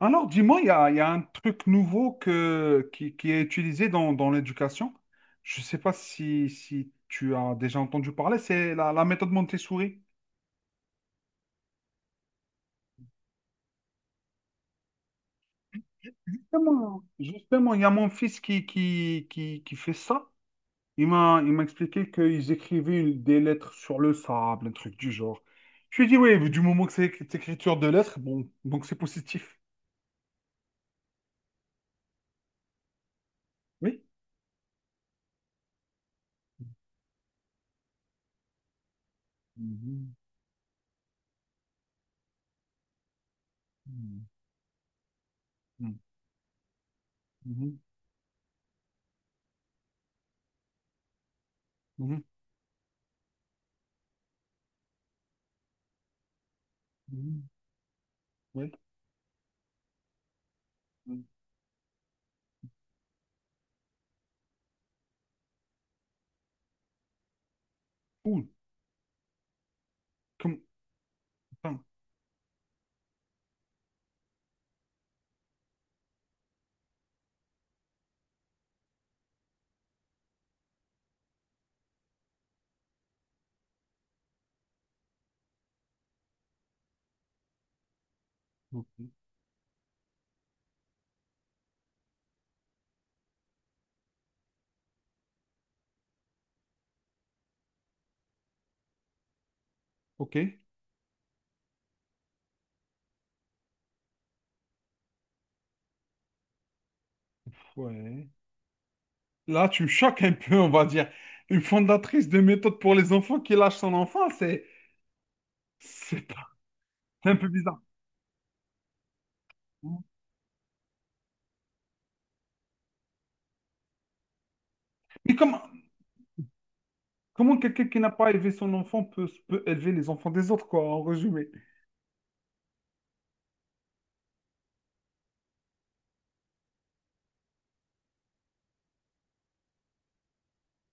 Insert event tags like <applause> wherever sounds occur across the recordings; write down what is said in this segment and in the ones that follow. Alors, dis-moi, il y a un truc nouveau qui est utilisé dans l'éducation. Je ne sais pas si tu as déjà entendu parler, c'est la méthode Montessori. Justement, il y a mon fils qui fait ça. Il m'a expliqué qu'ils écrivaient des lettres sur le sable, un truc du genre. Je lui ai dit, oui, mais du moment que c'est écriture de lettres, bon, donc c'est positif. Oui. Mhm, mhm, mhm, mhm, mhm. Oui. Ouh, comme- putain. Ok. Ok. Ouais. Là, tu me choques un peu, on va dire. Une fondatrice de méthode pour les enfants qui lâche son enfant, c'est pas- <laughs> c'est un peu bizarre. Mais comment quelqu'un qui n'a pas élevé son enfant peut élever les enfants des autres, quoi, en résumé?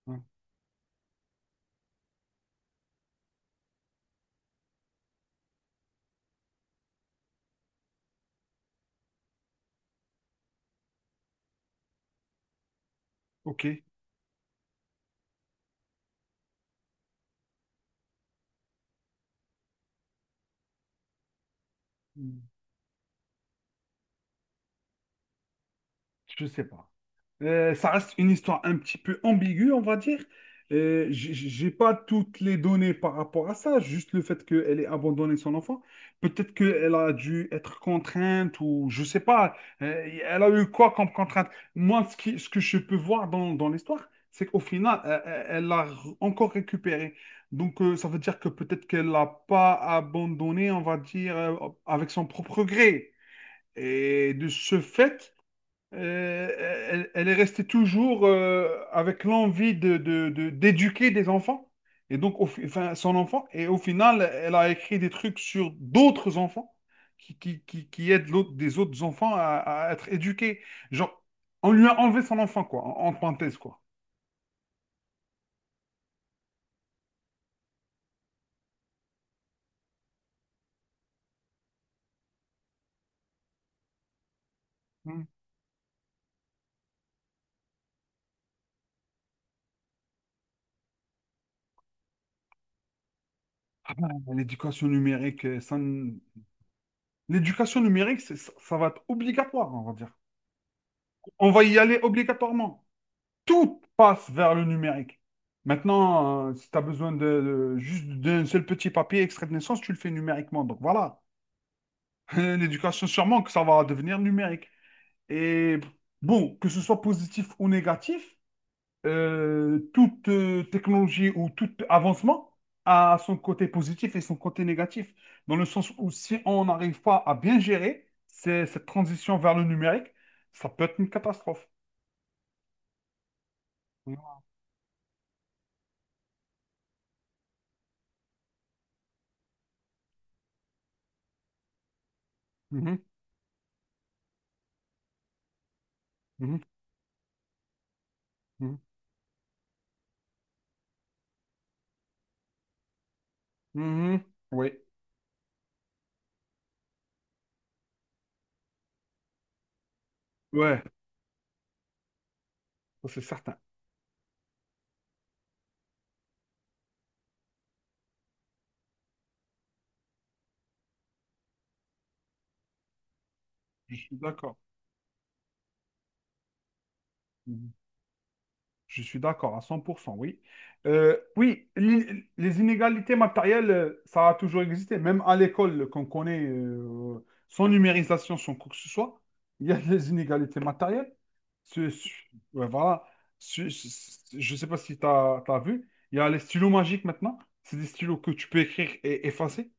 Hein. Ok. Hmm. Je sais pas. Ça reste une histoire un petit peu ambiguë, on va dire. J'ai pas toutes les données par rapport à ça, juste le fait qu'elle ait abandonné son enfant. Peut-être qu'elle a dû être contrainte ou je sais pas. Elle a eu quoi comme contrainte? Moi, ce que je peux voir dans l'histoire, c'est qu'au final, elle l'a encore récupéré. Donc, ça veut dire que peut-être qu'elle l'a pas abandonné, on va dire, avec son propre gré. Et de ce fait, euh, elle est restée toujours avec l'envie d'éduquer des enfants. Et donc, enfin, son enfant. Et au final, elle a écrit des trucs sur d'autres enfants qui aident des autres enfants à être éduqués. Genre, on lui a enlevé son enfant, quoi, en parenthèse, quoi. Hmm. Ah ben, l'éducation numérique, ça ne- l'éducation numérique, ça va être obligatoire, on va dire. On va y aller obligatoirement. Tout passe vers le numérique. Maintenant, si tu as besoin juste d'un seul petit papier extrait de naissance, tu le fais numériquement. Donc voilà, <laughs> l'éducation sûrement que ça va devenir numérique. Et bon, que ce soit positif ou négatif, toute technologie ou tout avancement a son côté positif et son côté négatif. Dans le sens où si on n'arrive pas à bien gérer cette transition vers le numérique, ça peut être une catastrophe. Mhm, mhm, mhm, mhm, mhm. Oui. Ouais, ça, c'est certain. Je suis d'accord. Mhm. Je suis d'accord à 100%, oui. Oui, les inégalités matérielles, ça a toujours existé. Même à l'école qu'on connaît, sans numérisation, sans quoi que ce soit, il y a des inégalités matérielles. Ce- ce- ouais, voilà. Je ne sais pas si tu as vu. Il y a les stylos magiques maintenant. C'est des stylos que tu peux écrire et effacer.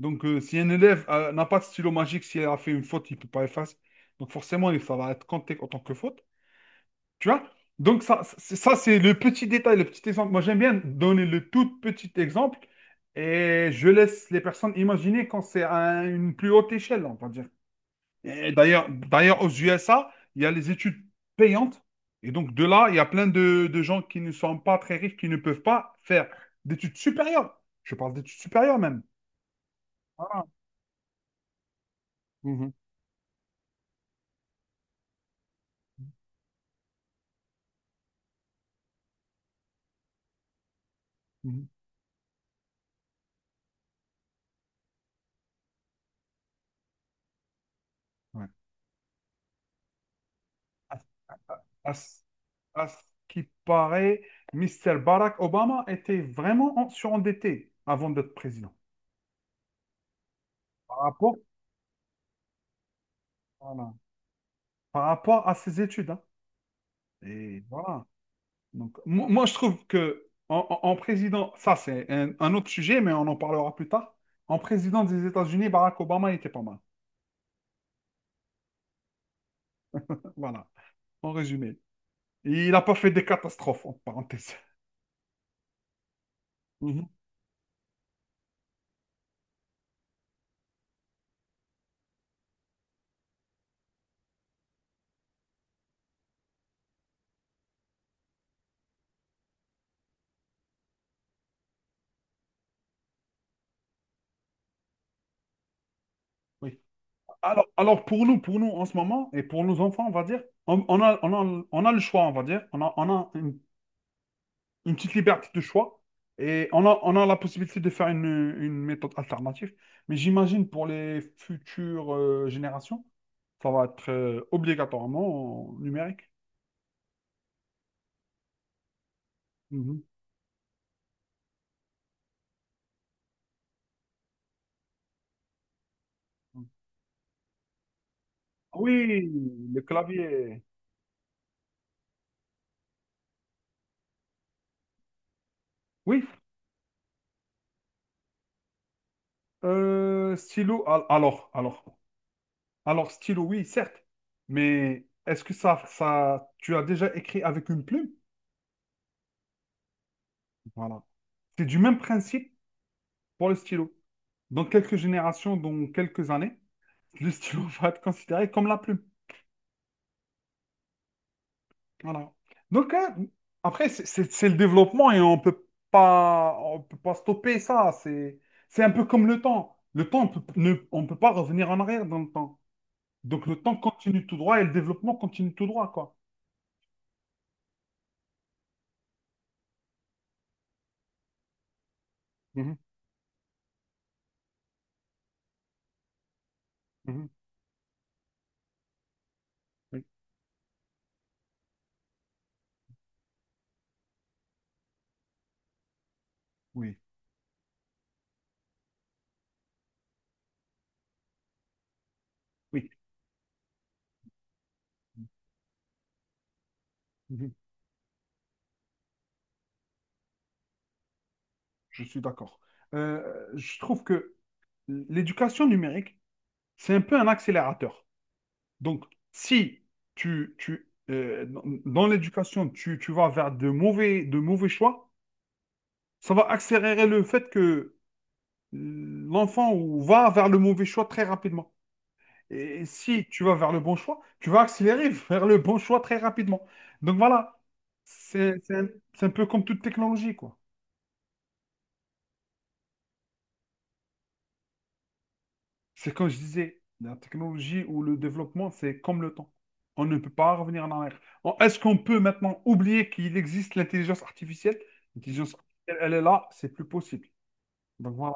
Donc, si un élève n'a pas de stylo magique, si elle a fait une faute, il ne peut pas effacer. Donc, forcément, ça va être compté en tant que faute. Tu vois? Donc, ça, c'est le petit détail, le petit exemple. Moi, j'aime bien donner le tout petit exemple et je laisse les personnes imaginer quand c'est à une plus haute échelle, on va dire. Et d'ailleurs, aux USA, il y a les études payantes. Et donc, de là, il y a plein de gens qui ne sont pas très riches, qui ne peuvent pas faire d'études supérieures. Je parle d'études supérieures même. Voilà. Mhm. Mhm. Ouais. À, ce à ce qui paraît, Mr. Barack Obama était vraiment surendetté avant d'être président. Par rapport, voilà, par rapport à ses études, hein. Et voilà. Donc, moi, je trouve que en président, ça c'est un autre sujet, mais on en parlera plus tard. En président des États-Unis, Barack Obama était pas mal. Voilà, en résumé. Il n'a pas fait des catastrophes, en parenthèse. Mhm. Oui. Alors, pour nous en ce moment, et pour nos enfants, on va dire, on, on a, on on a le choix, on va dire. On a une petite liberté de choix et on a la possibilité de faire une méthode alternative. Mais j'imagine pour les futures générations, ça va être obligatoirement numérique. Mhm. Oui, le clavier. Oui, stylo. Alors, stylo, oui, certes. Mais est-ce que ça, tu as déjà écrit avec une plume? Voilà. C'est du même principe pour le stylo. Dans quelques générations, dans quelques années, le stylo <laughs> va être considéré comme la plume. Voilà. Donc, hein, après, c'est le développement et on peut pas stopper ça. C'est un peu comme le temps. Le temps, on peut pas revenir en arrière dans le temps. Donc, le temps continue tout droit et le développement continue tout droit, quoi. Mhm, mhm, oui, oui, oui. Mhm, je suis d'accord. Je trouve que l'éducation numérique, c'est un peu un accélérateur. Donc, si tu dans l'éducation, tu vas vers de mauvais choix, ça va accélérer le fait que l'enfant ou va vers le mauvais choix très rapidement. Et si tu vas vers le bon choix, tu vas accélérer <laughs> vers le bon choix très rapidement. Donc voilà, c'est c'est un, c'est un peu comme toute technologie, quoi. C'est comme je disais, la technologie ou le développement, c'est comme le temps. On ne peut pas revenir en arrière. Est-ce qu'on peut maintenant oublier qu'il existe l'intelligence artificielle? L'intelligence artificielle, elle est là, c'est plus possible. Donc voilà.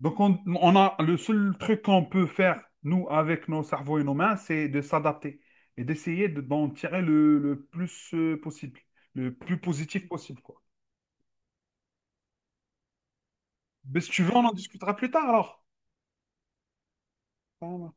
Donc on a le seul truc qu'on peut faire, nous, avec nos cerveaux et nos mains, c'est de s'adapter et d'essayer d'en tirer le plus possible, le plus positif possible, quoi. Mais si tu veux, on en discutera plus tard alors. Enfin,